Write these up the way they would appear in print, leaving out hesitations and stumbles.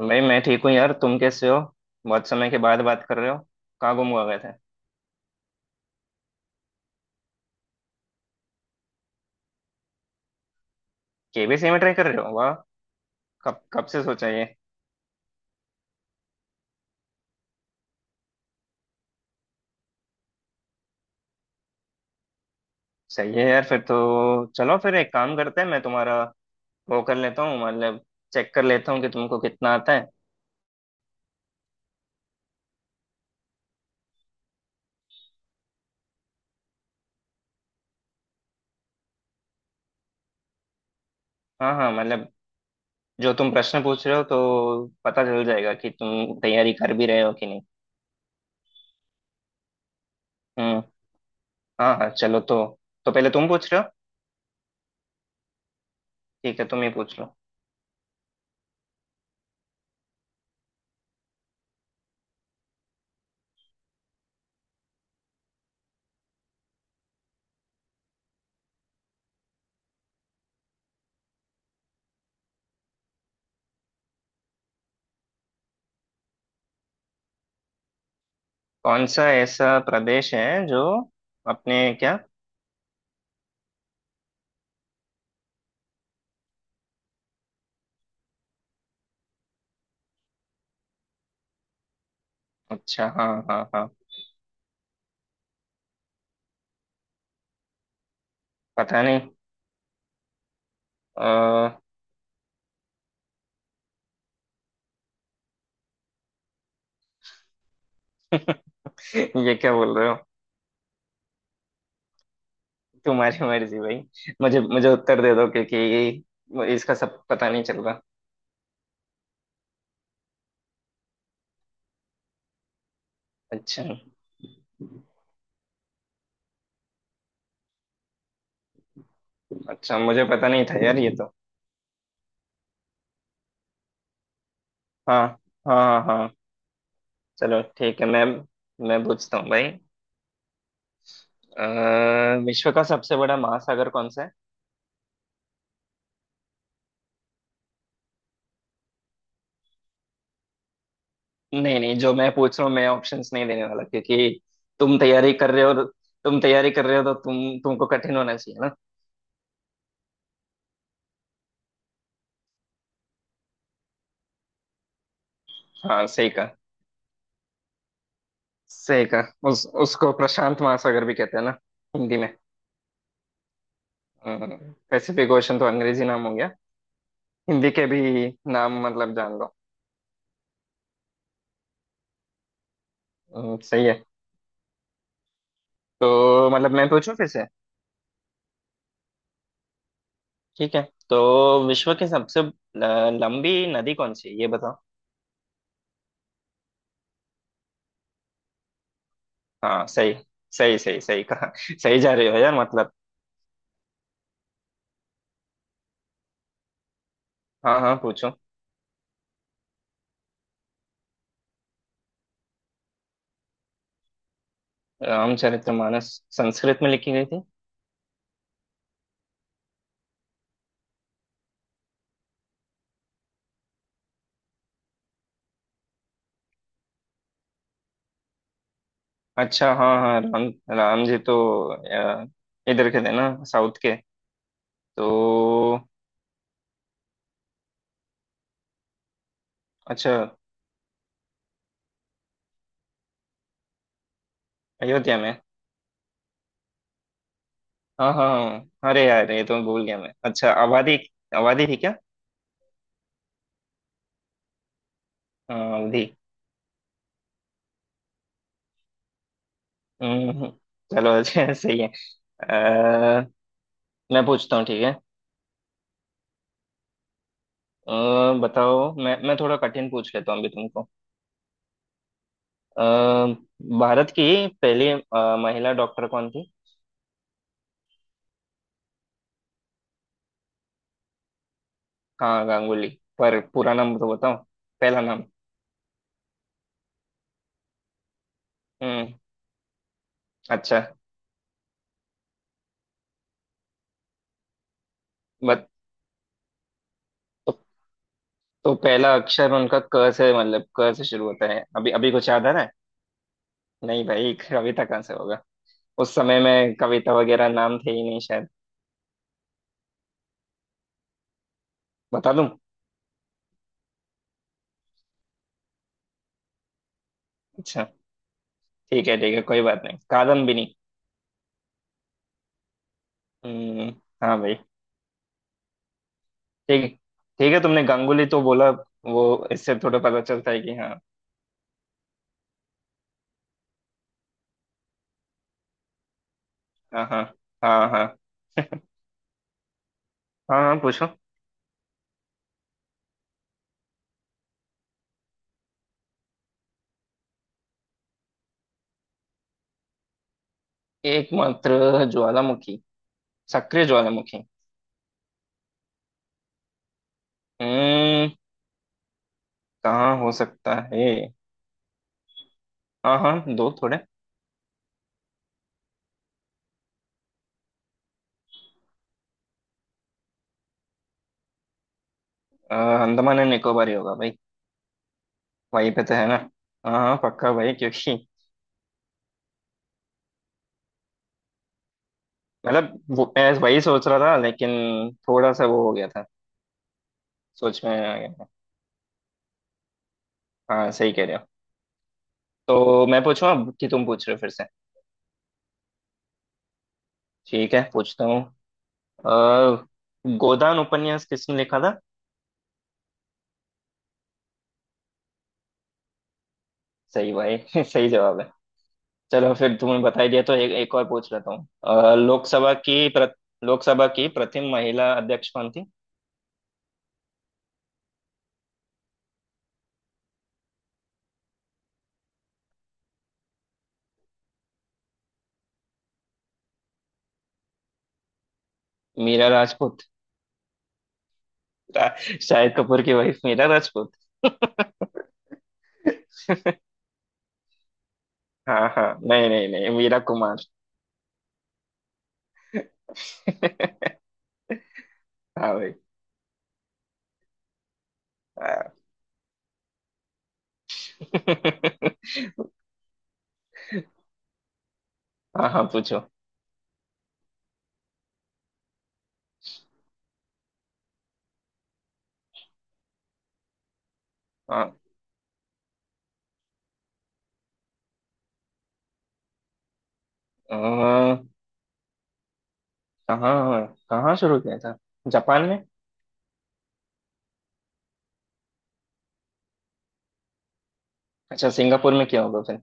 भाई, मैं ठीक हूँ यार। तुम कैसे हो? बहुत समय के बाद बात कर रहे हो। कहाँ गुम हुआ गए थे? केबीसी में ट्राई कर रहे हो, वाह। कब कब से सोचा ये? सही है यार, फिर तो चलो। फिर एक काम करते हैं, मैं तुम्हारा वो कर लेता हूँ, मतलब चेक कर लेता हूँ कि तुमको कितना आता है। हाँ हाँ, मतलब जो तुम प्रश्न पूछ रहे हो, तो पता चल जाएगा कि तुम तैयारी कर भी रहे हो कि नहीं। हम्म। हाँ हाँ, चलो तो। तो पहले तुम पूछ रहे हो? ठीक है, तुम ही पूछ लो। कौन सा ऐसा प्रदेश है जो अपने, क्या? अच्छा, हाँ हाँ हाँ। पता नहीं। आ, ये क्या बोल रहे हो? तुम्हारी मर्जी भाई। मुझे मुझे उत्तर दे दो, क्योंकि इसका सब पता नहीं चल रहा। अच्छा। अच्छा, मुझे पता नहीं था यार, ये तो। हाँ। हाँ हाँ हाँ। चलो ठीक है। मैं पूछता हूँ भाई। विश्व का सबसे बड़ा महासागर कौन सा है? नहीं नहीं, जो मैं पूछ रहा हूँ, मैं ऑप्शंस नहीं देने वाला, क्योंकि तुम तैयारी कर रहे हो। तुम तैयारी कर रहे हो तो तुमको कठिन होना चाहिए ना। हाँ सही। सही कहा। उस उसको प्रशांत महासागर भी कहते हैं ना? हिंदी में? हम्म, पैसिफिक ओशन तो अंग्रेजी नाम हो गया। हिंदी के भी नाम मतलब जान लो। सही है। तो मतलब मैं पूछूं फिर से? ठीक है, तो विश्व की सबसे लंबी नदी कौन सी है, ये बताओ। हाँ सही सही सही सही कहा। सही जा रहे हो यार, मतलब। हाँ हाँ, पूछो। रामचरितमानस संस्कृत में लिखी गई थी। अच्छा, हाँ हाँ, राम राम जी तो अ, इधर के थे ना, साउथ के, तो। अच्छा। अयोध्या में। हाँ हाँ हाँ, अरे यार ये तो मैं भूल गया। मैं, अच्छा, आबादी, आबादी थी क्या? हाँ, अवधि। हम्म, चलो अच्छा। सही है। अ, मैं पूछता हूँ, ठीक है? अ, बताओ, मैं थोड़ा कठिन पूछ लेता हूँ अभी तुमको। अ, भारत की पहली महिला डॉक्टर कौन थी? हाँ गांगुली, पर पूरा नाम तो बताओ। पहला नाम। हम्म। अच्छा। बत, तो, तो पहला अक्षर उनका क से, मतलब क से शुरू होता है, अभी अभी कुछ याद आ रहा है। नहीं भाई, अभी तक कहाँ से होगा? उस समय में कविता वगैरह नाम थे ही नहीं शायद। बता दूं? अच्छा, ठीक है ठीक है, कोई बात नहीं, कादम्बिनी। हम्म। हाँ भाई। ठीक ठीक है, तुमने गांगुली तो बोला वो, इससे थोड़ा पता चलता है कि हाँ हाँ हाँ। हाँ हाँ। हाँ हाँ, पूछो। एकमात्र ज्वालामुखी। सक्रिय ज्वालामुखी। हम्म। कहाँ हो सकता है? हाँ हाँ, दो थोड़े। अ, अंडमान एंड निकोबार ही होगा भाई, वहीं पे तो है ना। हाँ हाँ, पक्का भाई, क्योंकि मतलब वो मैं वही सोच रहा था, लेकिन थोड़ा सा वो हो गया था, सोच में आ गया। हाँ, सही कह रहे हो। तो मैं पूछूं अब, कि तुम पूछ रहे हो फिर से? ठीक है, पूछता हूँ। अ, गोदान उपन्यास किसने लिखा था? सही भाई। सही जवाब है। चलो, फिर तुमने बता ही दिया तो एक एक और पूछ लेता हूँ। लोकसभा की लोकसभा की प्रथम महिला अध्यक्ष कौन थी? मीरा राजपूत? रा- शाहिद कपूर की वाइफ मीरा राजपूत? हाँ हाँ, नहीं नहीं नहीं, मीरा कुमार। हाँ भाई। हाँ। हाँ हाँ, पूछो। हाँ। अह, कहाँ कहाँ शुरू किया था? जापान में? अच्छा, सिंगापुर में किया होगा फिर।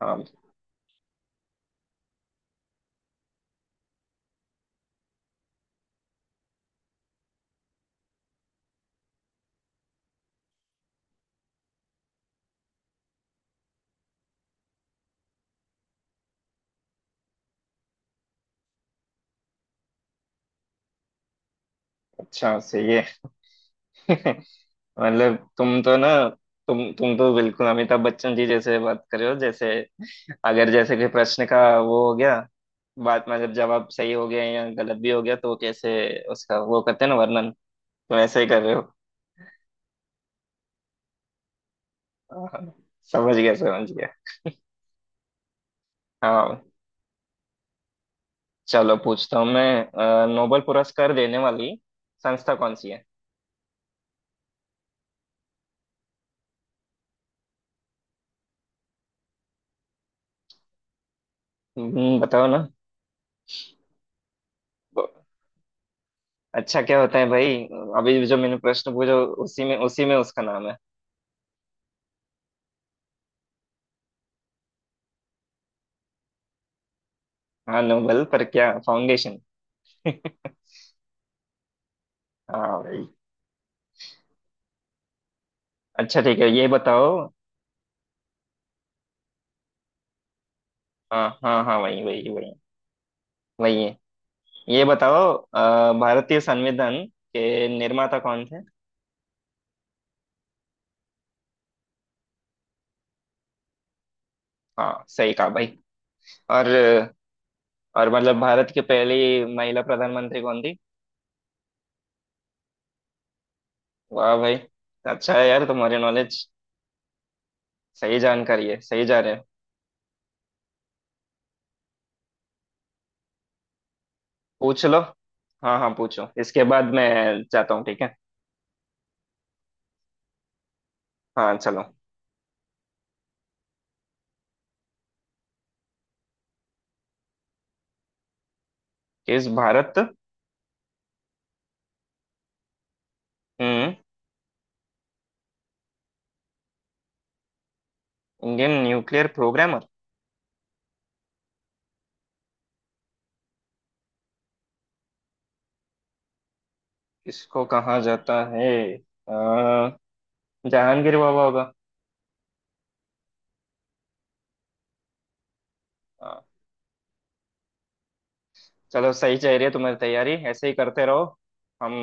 हाँ। अच्छा, सही है। मतलब तुम तो ना, तुम तो बिल्कुल अमिताभ बच्चन जी जैसे बात कर रहे हो, जैसे अगर जैसे कि प्रश्न का वो हो गया, बात मतलब जवाब सही हो गया या गलत भी हो गया, तो कैसे उसका वो करते हैं ना, वर्णन। तो ऐसे ही कर रहे हो। हाँ, हाँ, समझ गया समझ गया। हाँ चलो, पूछता हूँ मैं नोबेल पुरस्कार देने वाली संस्था कौन सी है? बताओ ना। ब- अच्छा, क्या होता है भाई, अभी जो मैंने प्रश्न पूछा, उसी में उसका नाम है। हाँ, नोबल, पर क्या? फाउंडेशन? हाँ भाई। अच्छा ठीक है, ये बताओ। हाँ हाँ हाँ, वही वही वही। वही है। ये बताओ, भारतीय संविधान के निर्माता कौन थे? हाँ, सही कहा भाई। और और मतलब भारत की पहली महिला प्रधानमंत्री कौन थी? वाह भाई, अच्छा है यार तुम्हारी नॉलेज। सही जानकारी है, सही जा रहे हो। पूछ लो। हाँ हाँ, पूछो, इसके बाद मैं जाता हूँ, ठीक है। हाँ चलो। किस भारत। हम्म। Indian nuclear programmer. किसको कहा जाता है? अ, जहांगीर बाबा होगा। अ, चलो, सही चल रही है तुम्हारी तैयारी, ऐसे ही करते रहो। हम।